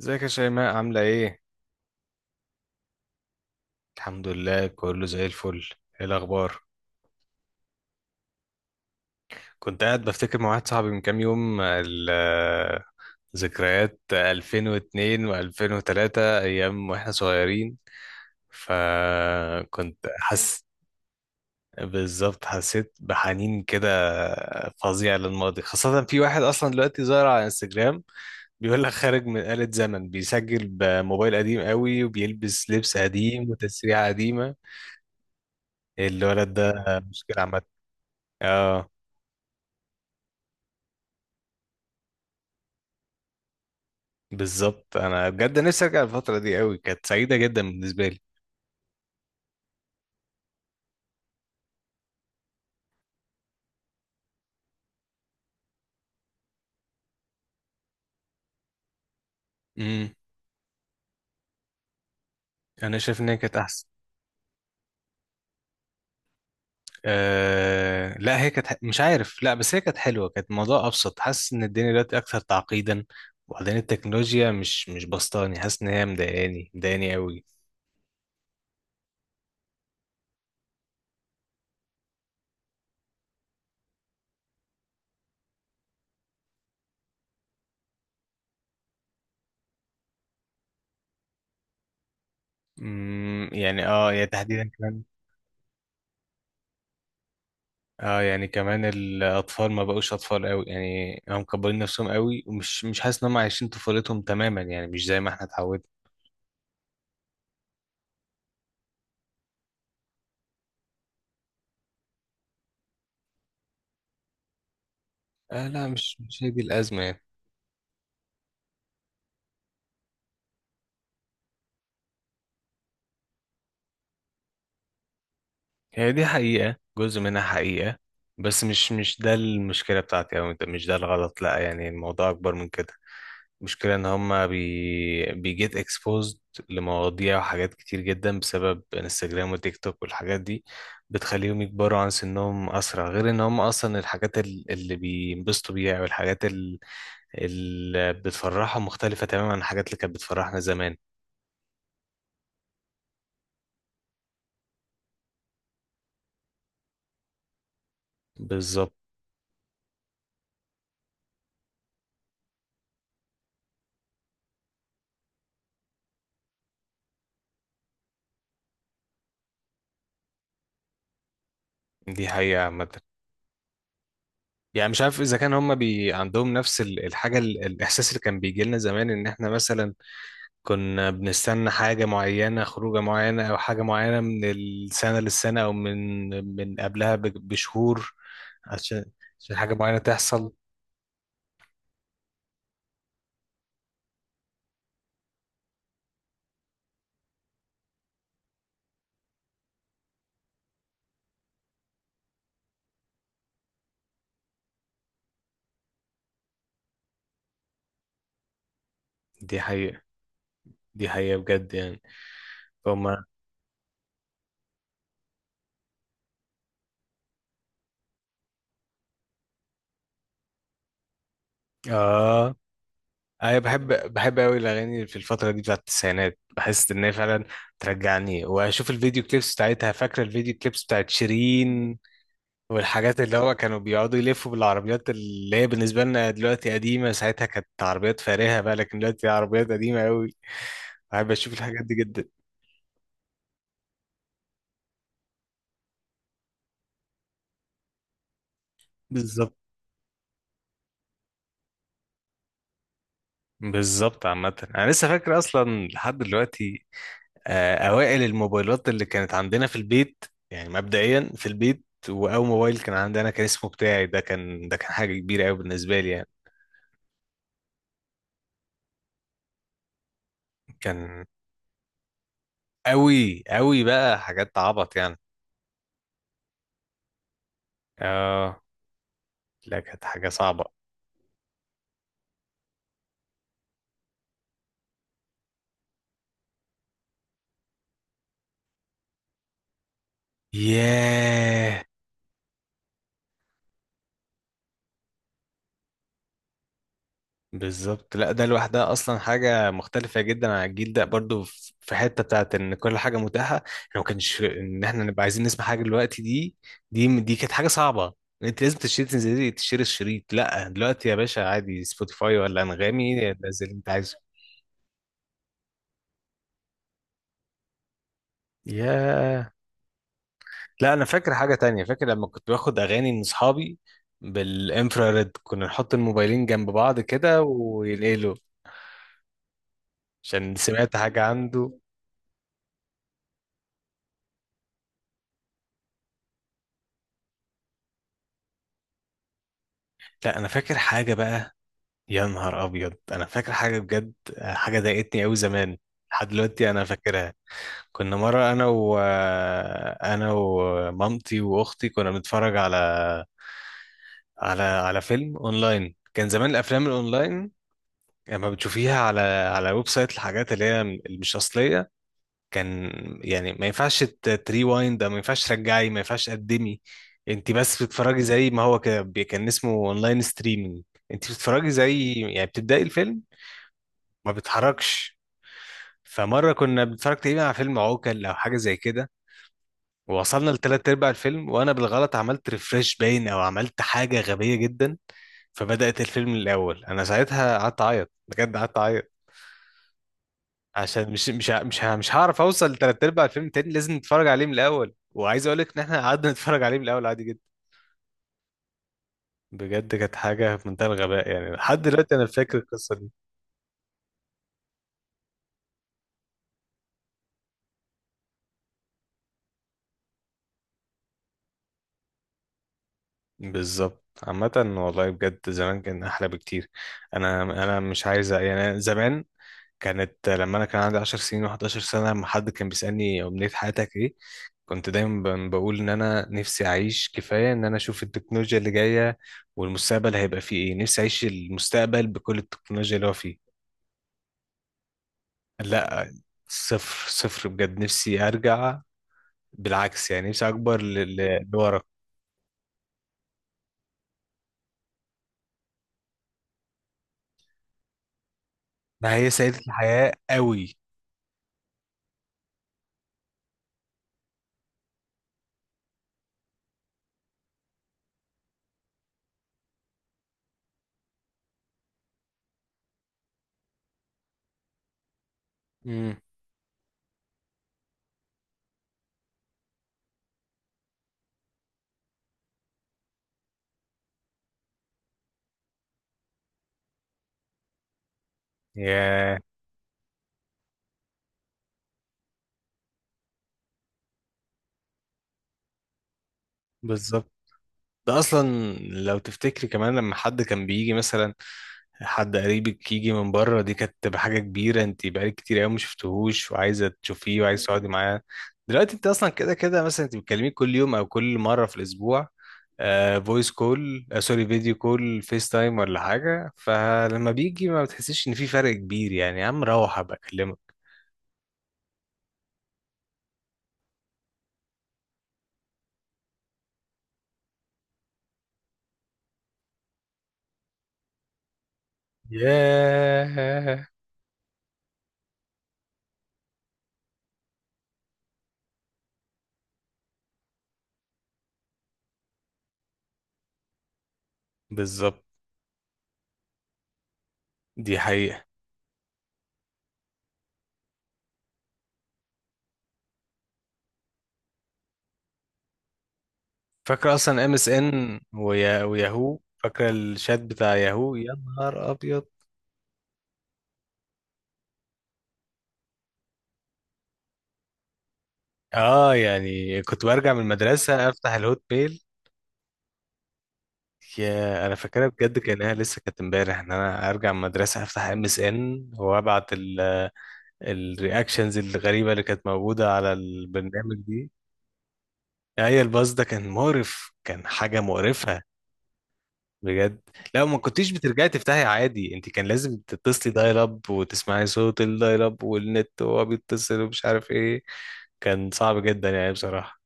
ازيك يا شيماء، عاملة ايه؟ الحمد لله، كله زي الفل. ايه الأخبار؟ كنت قاعد بفتكر مع واحد صاحبي من كام يوم ذكريات 2002 و2003، أيام واحنا صغيرين فكنت حس. بالظبط، حسيت بحنين كده فظيع للماضي، خاصة في واحد أصلا دلوقتي ظاهر على انستجرام بيقول لك خارج من آلة زمن، بيسجل بموبايل قديم قوي وبيلبس لبس قديم وتسريحة قديمة. إيه الولد ده؟ مشكلة عامة. اه. بالظبط، انا بجد نفسي ارجع الفتره دي قوي، كانت سعيده جدا بالنسبه لي. امم انا شايف ان هي كانت احسن. آه لا، هي كانت مش عارف، لا بس هي كانت حلوه، كانت الموضوع ابسط، حاسس ان الدنيا دلوقتي اكثر تعقيدا. وبعدين التكنولوجيا مش بسطاني، حاسس ان هي مضايقاني مضايقاني قوي. يعني يعني تحديدا كمان. اه، يعني كمان الاطفال ما بقوش اطفال قوي يعني، هم مكبرين نفسهم قوي، ومش مش حاسس ان هم عايشين طفولتهم تماما يعني، مش زي ما احنا اتعودنا. آه لا، مش هي دي الازمه يعني. هي دي حقيقة، جزء منها حقيقة. بس مش ده المشكلة بتاعتي، أو مش ده الغلط، لأ يعني الموضوع أكبر من كده. المشكلة إن هما بيجيت اكسبوزد لمواضيع وحاجات كتير جدا بسبب انستجرام وتيك توك والحاجات دي. بتخليهم يكبروا عن سنهم أسرع، غير إن هما أصلا الحاجات اللي بينبسطوا بيها والحاجات اللي بتفرحهم مختلفة تماما عن الحاجات اللي كانت بتفرحنا زمان. بالظبط. دي حقيقة عامة. يعني مش عارف اذا كان هم عندهم نفس الاحساس اللي كان بيجي لنا زمان، ان احنا مثلا كنا بنستنى حاجه معينه، خروجه معينه او حاجه معينه، من السنه للسنه، او من قبلها بشهور، عشان عشان حاجه معينه تحصل. دي حقيقه، دي حقيقه بجد يعني. فهم. اه. انا بحب قوي الاغاني في الفتره دي بتاعت التسعينات، بحس ان هي فعلا ترجعني، واشوف الفيديو كليبس بتاعتها، فاكره الفيديو كليبس بتاعت شيرين والحاجات، اللي هو كانوا بيقعدوا يلفوا بالعربيات اللي هي بالنسبة لنا دلوقتي قديمة، ساعتها كانت عربيات فارهة بقى، لكن دلوقتي عربيات قديمة قوي. بحب أشوف الحاجات دي جدا. بالظبط. بالظبط. عامة أنا لسه فاكر أصلا لحد دلوقتي آه، أوائل الموبايلات اللي كانت عندنا في البيت. يعني مبدئيا في البيت، وأول موبايل كان عندنا كان اسمه بتاعي ده كان حاجة كبيرة قوي بالنسبة لي يعني. كان قوي قوي، بقى حاجات عبط يعني. اه. لا كانت حاجة صعبة. ياه. بالظبط، لا ده لوحدها اصلا حاجه مختلفه جدا عن الجيل ده برضو، في حته بتاعت ان كل حاجه متاحه، احنا ما كانش ان احنا نبقى عايزين نسمع حاجه دلوقتي دي. دي كانت حاجه صعبه. انت لازم تشتري، تنزلي تشتري الشريط. لا دلوقتي يا باشا عادي سبوتيفاي ولا انغامي نزل اللي انت عايزه. ياه. لا انا فاكر حاجه تانية، فاكر لما كنت باخد اغاني من اصحابي بالانفراريد، كنا نحط الموبايلين جنب بعض كده وينقلوا، عشان سمعت حاجه عنده. لا انا فاكر حاجه بقى. يا نهار ابيض، انا فاكر حاجه بجد آه، حاجه ضايقتني قوي زمان، لحد دلوقتي انا فاكرها. كنا مره انا ومامتي واختي كنا بنتفرج على على فيلم اونلاين. كان زمان الافلام الاونلاين لما بتشوفيها على ويب سايت، الحاجات اللي هي مش اصليه. كان يعني ما ينفعش تريوايند، ما ينفعش ترجعي، ما ينفعش تقدمي. انت بس بتتفرجي زي ما هو كده كان اسمه اونلاين ستريمينج. انت بتتفرجي زي يعني بتبداي الفيلم، ما بتحركش. فمرة كنا بنتفرج تقريبا على فيلم عوكل أو حاجة زي كده، ووصلنا لتلات أرباع الفيلم، وأنا بالغلط عملت ريفرش باين، أو عملت حاجة غبية جدا، فبدأت الفيلم من الأول. أنا ساعتها قعدت أعيط بجد، قعدت أعيط، عشان مش هعرف أوصل لتلات أرباع الفيلم تاني، لازم نتفرج عليه من الأول. وعايز أقول لك إن إحنا قعدنا نتفرج عليه من الأول عادي جدا. بجد كانت حاجة في منتهى الغباء يعني، لحد دلوقتي أنا فاكر القصة دي. بالظبط. عامة والله بجد زمان كان أحلى بكتير. أنا مش عايز يعني، أنا زمان كانت، لما انا كان عندي 10 سنين و11 سنه، لما حد كان بيسالني امنيه حياتك ايه، كنت دايما بقول ان انا نفسي اعيش كفايه، ان انا اشوف التكنولوجيا اللي جايه والمستقبل هيبقى فيه ايه، نفسي اعيش المستقبل بكل التكنولوجيا اللي هو فيه. لا. صفر صفر بجد، نفسي ارجع، بالعكس يعني نفسي اكبر لورا. ما هي سعيده الحياه قوي. امم. يا. بالظبط. ده اصلا، لو تفتكري كمان لما حد كان بيجي مثلا، حد قريبك يجي من بره، دي كانت تبقى حاجة كبيرة، انت بقالك كتير قوي ما شفتهوش وعايزة تشوفيه وعايزة تقعدي معاه. دلوقتي انت اصلا كده كده، مثلا انت بتكلميه كل يوم او كل مرة في الاسبوع فويس كول، آه سوري، فيديو كول فيس تايم ولا حاجة، فلما بيجي ما بتحسيش ان في فرق كبير يعني، يا عم روح ابقى اكلمك. ياه. بالظبط. دي حقيقة. فاكرة اصلا ام اس ان وياهو، فاكرة الشات بتاع ياهو؟ يا نهار ابيض. اه، يعني كنت برجع من المدرسة افتح الهوت ميل. يا انا فاكرها بجد كانها لسه كانت امبارح، ان انا ارجع من المدرسة افتح ام اس ان وابعت الرياكشنز الغريبة اللي كانت موجودة على البرنامج دي. هي الباص ده كان مقرف، كان حاجة مقرفة بجد. لو ما كنتيش بترجعي تفتحي عادي، انت كان لازم تتصلي دايل اب، وتسمعي صوت الدايل اب والنت وهو بيتصل ومش عارف ايه. كان صعب جدا يعني بصراحة.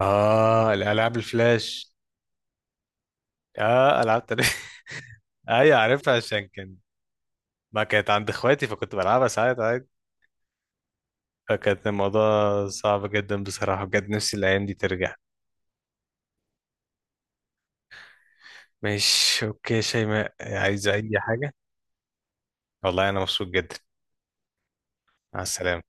اه الالعاب الفلاش. اه العاب تاريخ ايوه عارفها، عشان كان ما كانت عند اخواتي، فكنت بلعبها ساعات عادي. فكانت الموضوع صعب جدا بصراحة، بجد نفسي الأيام دي ترجع. ماشي أوكي شيماء، عايزة أي حاجة؟ والله أنا مبسوط جدا. مع السلامة.